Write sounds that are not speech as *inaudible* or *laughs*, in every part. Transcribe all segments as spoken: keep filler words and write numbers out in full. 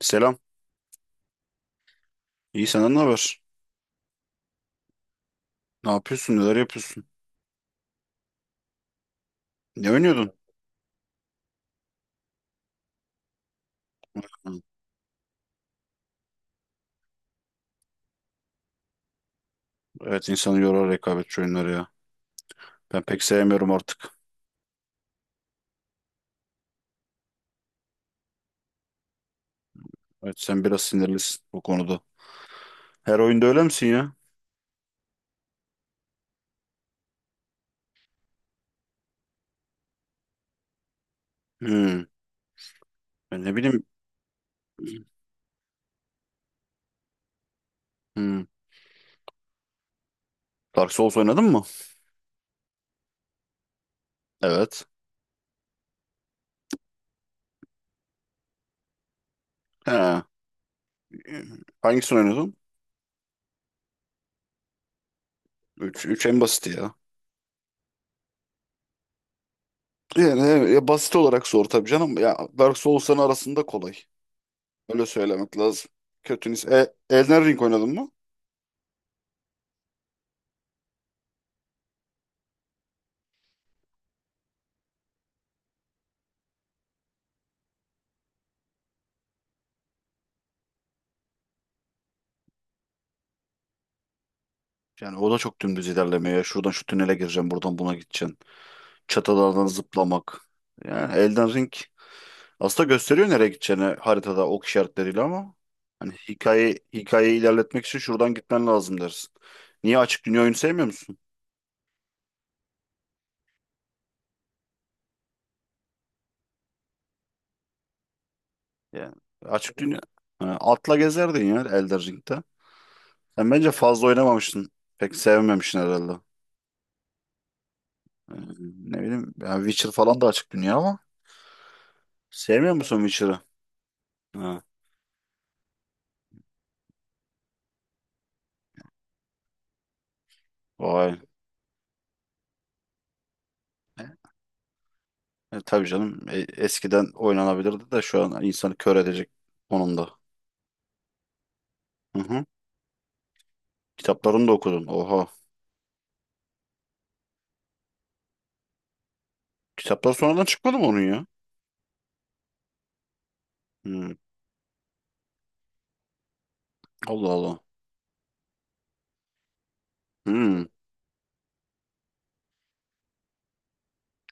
Selam. İyi senden ne haber? Ne yapıyorsun? Neler yapıyorsun? Ne oynuyordun? Hı. Evet insanı yorar rekabetçi oyunları ya. Ben pek sevmiyorum artık. Evet sen biraz sinirlisin bu konuda. Her oyunda öyle misin ya? Hmm. Ben ne bileyim. Hmm. Dark Souls oynadın mı? Evet. He. Hangisini oynadın? Üç 3 en basiti ya. Yani evet, ya basit olarak zor tabii canım. Ya Dark Souls'ların arasında kolay. Öyle söylemek lazım. Kötünüz. E, Elden Ring oynadın mı? Yani o da çok dümdüz ilerlemiyor ya. Şuradan şu tünele gireceksin, buradan buna gideceksin. Çatılardan zıplamak. Yani Elden Ring aslında gösteriyor nereye gideceğini haritada ok işaretleriyle ama hani hikaye hikayeyi ilerletmek için şuradan gitmen lazım dersin. Niye açık dünya oyunu sevmiyor musun? Yani açık dünya. Ha, atla gezerdin ya Elden Ring'de. Sen bence fazla oynamamışsın. Pek sevmemişsin herhalde. Yani ne bileyim yani Witcher falan da açık dünya ama sevmiyor musun Witcher'ı? Ha, vay. E, tabii canım e, eskiden oynanabilirdi de şu an insanı kör edecek konumda. Hı hı. Kitaplarını da okudun. Oha. Kitaplar sonradan çıkmadı mı onun ya? Hmm. Allah Allah. Hmm.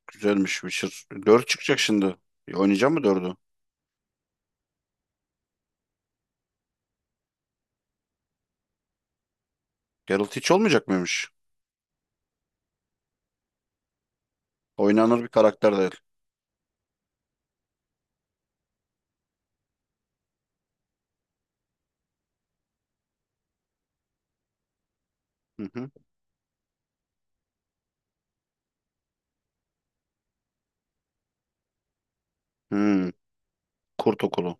Güzelmiş Witcher. Dört çıkacak şimdi. E, oynayacak mı dördü? Geralt hiç olmayacak mıymış? Oynanır bir karakter değil. Hı hı. Hmm. Kurt Okulu.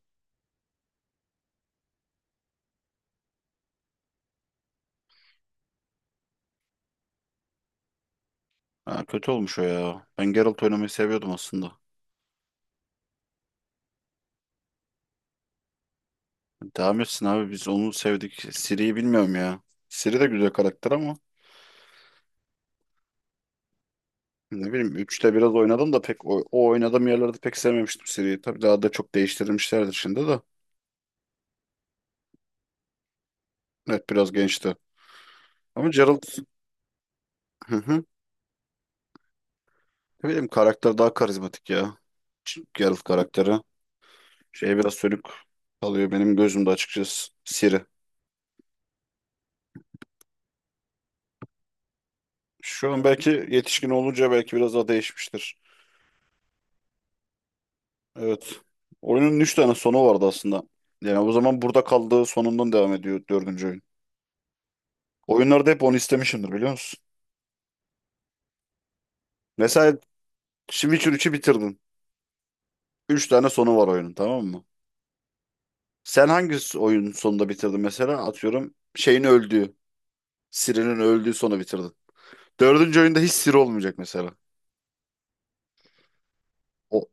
Ha, kötü olmuş o ya. Ben Geralt oynamayı seviyordum aslında. Devam etsin abi, biz onu sevdik. Ciri'yi bilmiyorum ya. Ciri de güzel karakter ama. Ne bileyim üçte biraz oynadım da pek o, o oynadığım yerlerde pek sevmemiştim seriyi. Tabii daha da çok değiştirilmişlerdir şimdi de. Evet biraz gençti. Ama Geralt, hı hı. Ne bileyim karakter daha karizmatik ya. Geralt karakteri. Şey biraz sönük kalıyor benim gözümde açıkçası Siri. Şu an belki yetişkin olunca belki biraz daha değişmiştir. Evet. Oyunun üç tane sonu vardı aslında. Yani o zaman burada kaldığı sonundan devam ediyor dördüncü oyun. Oyunlarda hep onu istemişimdir biliyor musun? Mesela Witcher üçü bitirdin. Üç tane sonu var oyunun, tamam mı? Sen hangi oyun sonunda bitirdin mesela? Atıyorum şeyin öldüğü, Siri'nin öldüğü sonu bitirdin. Dördüncü oyunda hiç Siri olmayacak mesela. O,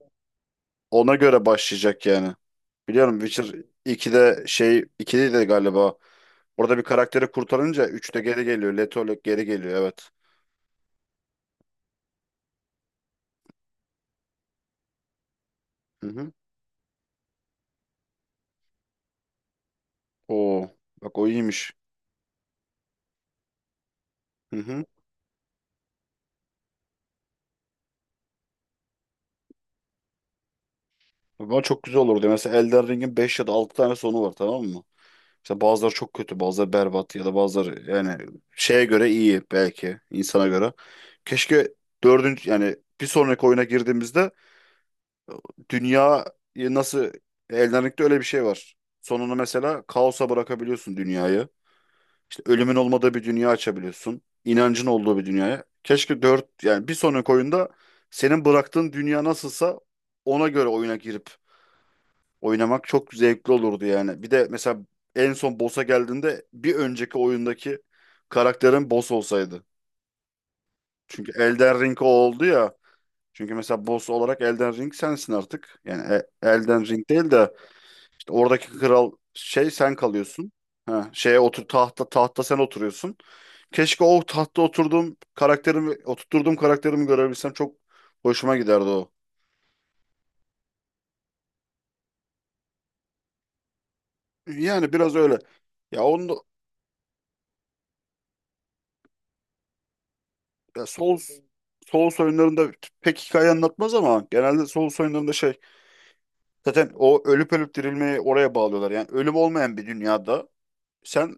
ona göre başlayacak yani. Biliyorum Witcher ikide şey ikide de galiba. Orada bir karakteri kurtarınca üçte geri geliyor. Letolek geri geliyor evet. Hı hı. Oo, bak o iyiymiş. Hı hı. Ama çok güzel olurdu. Mesela Elden Ring'in beş ya da altı tane sonu var, tamam mı? İşte bazıları çok kötü, bazıları berbat ya da bazıları yani şeye göre iyi belki insana göre. Keşke dördüncü yani bir sonraki oyuna girdiğimizde dünyayı nasıl, Elden Ring'de öyle bir şey var. Sonunu mesela kaosa bırakabiliyorsun dünyayı. İşte ölümün olmadığı bir dünya açabiliyorsun. İnancın olduğu bir dünyaya. Keşke dört yani bir sonraki oyunda senin bıraktığın dünya nasılsa ona göre oyuna girip oynamak çok zevkli olurdu yani. Bir de mesela en son boss'a geldiğinde bir önceki oyundaki karakterin boss olsaydı. Çünkü Elden Ring o oldu ya. Çünkü mesela boss olarak Elden Ring sensin artık. Yani e- Elden Ring değil de işte oradaki kral şey sen kalıyorsun. Ha, şeye otur, tahta tahta sen oturuyorsun. Keşke o tahtta oturduğum karakterimi oturttuğum karakterimi görebilsem, çok hoşuma giderdi o. Yani biraz öyle. Ya onu. Ya Souls Souls oyunlarında pek hikaye anlatmaz ama genelde Souls oyunlarında şey, zaten o ölüp ölüp dirilmeyi oraya bağlıyorlar. Yani ölüm olmayan bir dünyada sen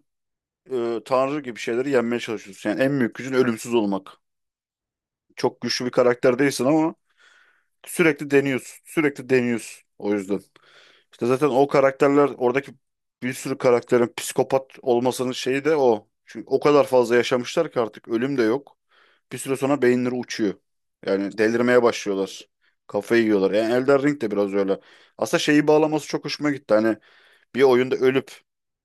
e, tanrı gibi şeyleri yenmeye çalışıyorsun. Yani en büyük gücün ölümsüz olmak. Çok güçlü bir karakter değilsin ama sürekli deniyorsun. Sürekli deniyorsun o yüzden. İşte zaten o karakterler oradaki bir sürü karakterin psikopat olmasının şeyi de o. Çünkü o kadar fazla yaşamışlar ki artık ölüm de yok. Bir süre sonra beyinleri uçuyor. Yani delirmeye başlıyorlar. Kafayı yiyorlar. Yani Elden Ring de biraz öyle. Aslında şeyi bağlaması çok hoşuma gitti. Hani bir oyunda ölüp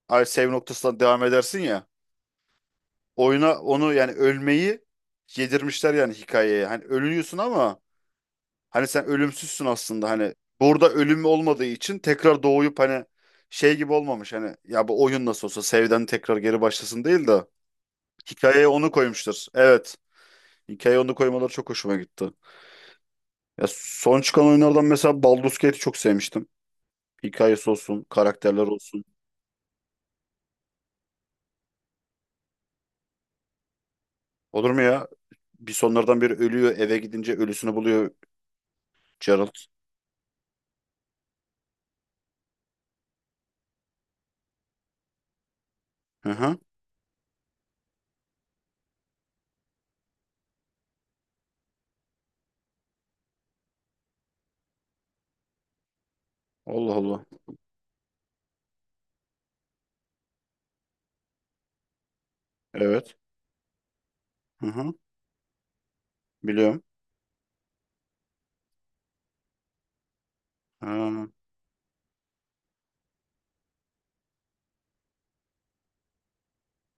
ay save noktasından devam edersin ya. Oyuna onu yani ölmeyi yedirmişler yani hikayeye. Hani ölüyorsun ama hani sen ölümsüzsün aslında, hani burada ölüm olmadığı için tekrar doğuyup hani şey gibi olmamış, hani ya bu oyun nasıl olsa Save'den tekrar geri başlasın değil de hikayeye onu koymuştur. Evet. Hikayeye onu koymaları çok hoşuma gitti. Ya son çıkan oyunlardan mesela Baldur's Gate'i çok sevmiştim. Hikayesi olsun, karakterler olsun. Olur mu ya? Bir sonlardan biri ölüyor, eve gidince ölüsünü buluyor Geralt. Hı hı. Allah Allah. Evet. Hı hı. Biliyorum. Ha,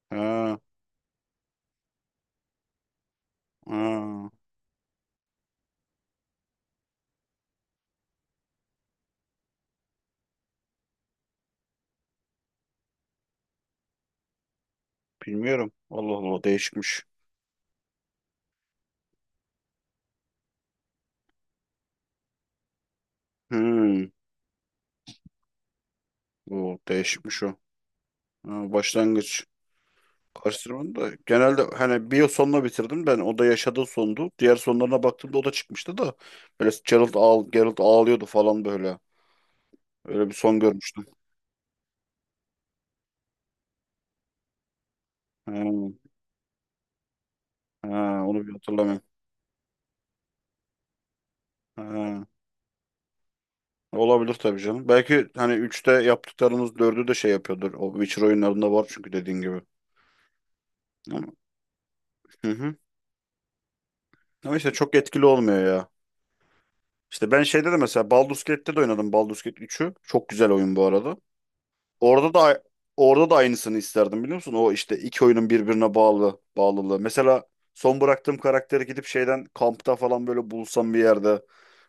ha, ha. Bilmiyorum. Allah Allah, değişikmiş. Hmm. O değişikmiş o. Ha, başlangıç. Karıştırmanın da genelde hani, bir yıl sonuna bitirdim ben. O da yaşadığı sondu. Diğer sonlarına baktığımda o da çıkmıştı da. Böyle Gerald, ağl Gerald ağlıyordu falan böyle. Öyle bir son görmüştüm. Ha, ha, onu bir hatırlamıyorum. Ha, olabilir tabii canım. Belki hani üçte yaptıklarımız dördü de şey yapıyordur. O Witcher oyunlarında var çünkü, dediğin gibi. Ama, hı hı. Ama işte çok etkili olmuyor ya. İşte ben şeyde de mesela Baldur's Gate'te de oynadım. Baldur's Gate üçü, çok güzel oyun bu arada. Orada da orada da aynısını isterdim biliyor musun? O işte iki oyunun birbirine bağlı bağlılığı. Mesela son bıraktığım karakteri gidip şeyden kampta falan böyle bulsam bir yerde.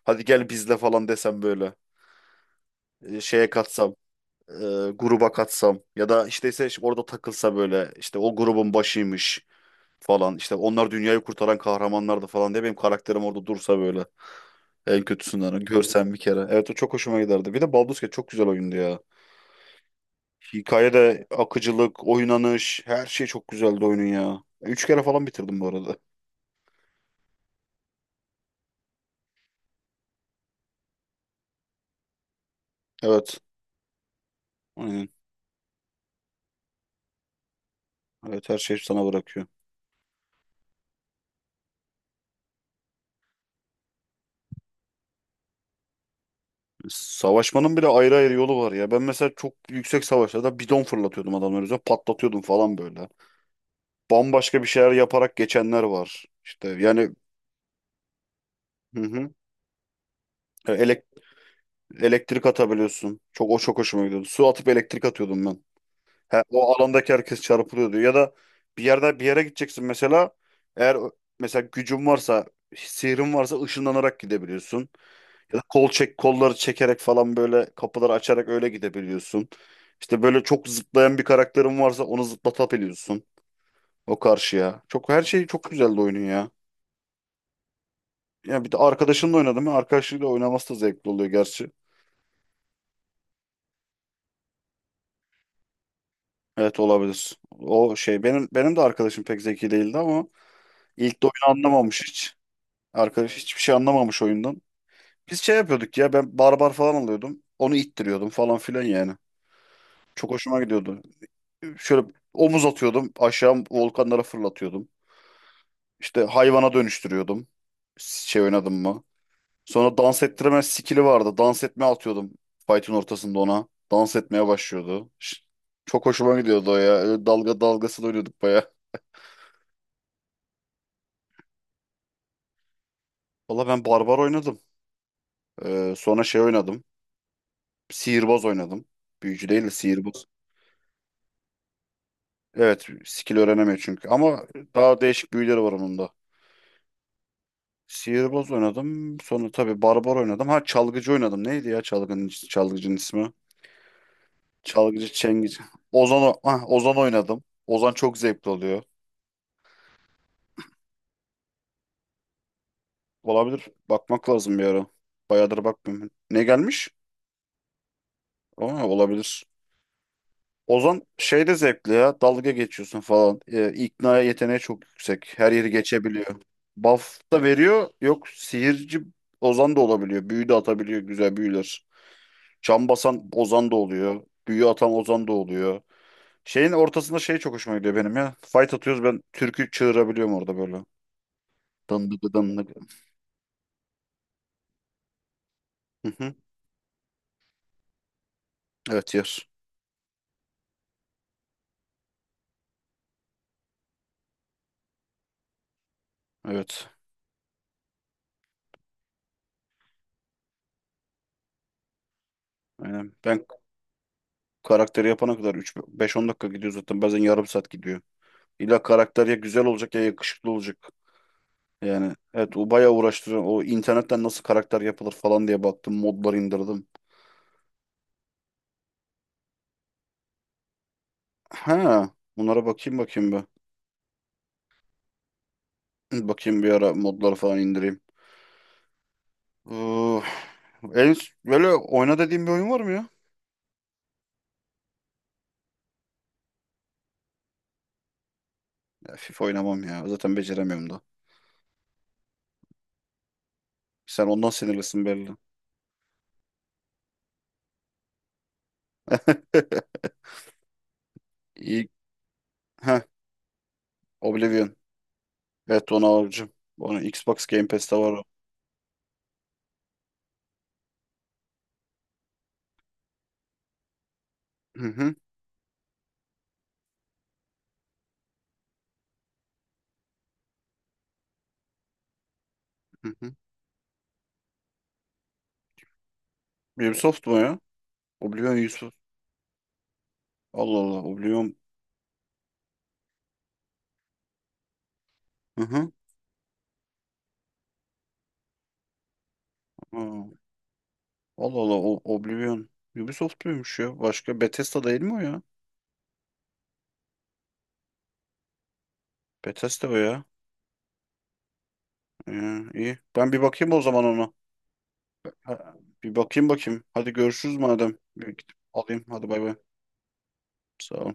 Hadi gel bizle falan desem böyle. E, Şeye katsam. e, Gruba katsam. Ya da işte ise orada takılsa böyle, işte o grubun başıymış falan. İşte onlar dünyayı kurtaran kahramanlardı falan diye benim karakterim orada dursa böyle. En kötüsünden görsen bir kere. Evet, o çok hoşuma giderdi. Bir de Baldur's Gate çok güzel oyundu ya. Hikaye de, akıcılık, oynanış, her şey çok güzeldi oyunun ya. Üç kere falan bitirdim bu arada. Evet. Aynen. Evet her şey sana bırakıyor. Savaşmanın bile ayrı ayrı yolu var ya. Ben mesela çok yüksek savaşlarda bidon fırlatıyordum adamların üzerine. Patlatıyordum falan böyle. Bambaşka bir şeyler yaparak geçenler var. İşte yani, hı hı. e, Elek- elektrik atabiliyorsun. Çok o çok hoşuma gidiyordu. Su atıp elektrik atıyordum ben. He, o alandaki herkes çarpılıyor diyor. Ya da bir yerde bir yere gideceksin mesela. Eğer ö- mesela gücün varsa, sihrin varsa ışınlanarak gidebiliyorsun. Ya da kol çek, kolları çekerek falan, böyle kapıları açarak öyle gidebiliyorsun. İşte böyle çok zıplayan bir karakterin varsa onu zıplatabiliyorsun o karşıya. Çok her şey çok güzeldi oyunun ya. Ya bir de arkadaşınla oynadım ben. Arkadaşıyla oynaması da zevkli oluyor gerçi. Evet olabilir. O şey, benim benim de arkadaşım pek zeki değildi ama ilk de oyunu anlamamış hiç. Arkadaş hiçbir şey anlamamış oyundan. Biz şey yapıyorduk ya, ben barbar falan alıyordum. Onu ittiriyordum falan filan yani. Çok hoşuma gidiyordu. Şöyle omuz atıyordum, aşağı volkanlara fırlatıyordum. İşte hayvana dönüştürüyordum. Şey oynadım mı? Sonra dans ettirme skill'i vardı. Dans etme atıyordum fight'in ortasında ona. Dans etmeye başlıyordu. Ş- Çok hoşuma gidiyordu o ya. Öyle dalga dalgasını oynuyorduk baya. Valla ben barbar oynadım. Ee, sonra şey oynadım. Sihirbaz oynadım. Büyücü değil de sihirbaz. Evet, skill öğrenemiyor çünkü. Ama daha değişik büyüleri var onun da. Sihirbaz oynadım. Sonra tabii barbar oynadım. Ha, çalgıcı oynadım. Neydi ya çalgının, çalgıcının ismi? Çalgıcı Çengiz. Ozan, o- ah, Ozan oynadım. Ozan çok zevkli oluyor. Olabilir. Bakmak lazım bir ara. Bayağıdır bakmıyorum. Ne gelmiş? Aa, olabilir. Ozan şey de zevkli ya. Dalga geçiyorsun falan. Ee, ikna yeteneği çok yüksek. Her yeri geçebiliyor. Buff da veriyor. Yok, sihirci Ozan da olabiliyor. Büyü de atabiliyor. Güzel büyüler. Çam basan Ozan da oluyor. Büyü atan Ozan da oluyor. Şeyin ortasında şey çok hoşuma gidiyor benim ya. Fight atıyoruz, ben türkü çığırabiliyorum orada böyle. Dandıgı dandıgı. Hı hı. Evet, yer. Evet. Aynen. Ben karakteri yapana kadar üç beş on dakika gidiyor zaten. Bazen yarım saat gidiyor. İlla karakter ya güzel olacak ya yakışıklı olacak. Yani evet, o bayağı uğraştırıyor. O internetten nasıl karakter yapılır falan diye baktım. Modlar indirdim. Ha, bunlara bakayım bakayım bir. *clears throat* Hı, bakayım bir ara modları falan indireyim. Uh, en, böyle oyna dediğim bir oyun var mı ya? Ya FIFA oynamam ya. Zaten beceremiyorum da. Sen ondan sinirlisin belli. *laughs* İyi. Heh, Oblivion. Evet onu alacağım. Onu Xbox Game Pass'te var o. Hı hı. Hı hı. Ubisoft mu ya? Oblivion Yusuf. Allah Allah. Oblivion. Hı hı. Aa. Allah Allah, o Oblivion Ubisoft muymuş ya? Başka, Bethesda değil mi o ya? Bethesda o ya. Ee, iyi. Ben bir bakayım o zaman ona. Ha, bir bakayım bakayım. Hadi görüşürüz madem. Bir gidip alayım. Hadi bay bay. Sağ ol.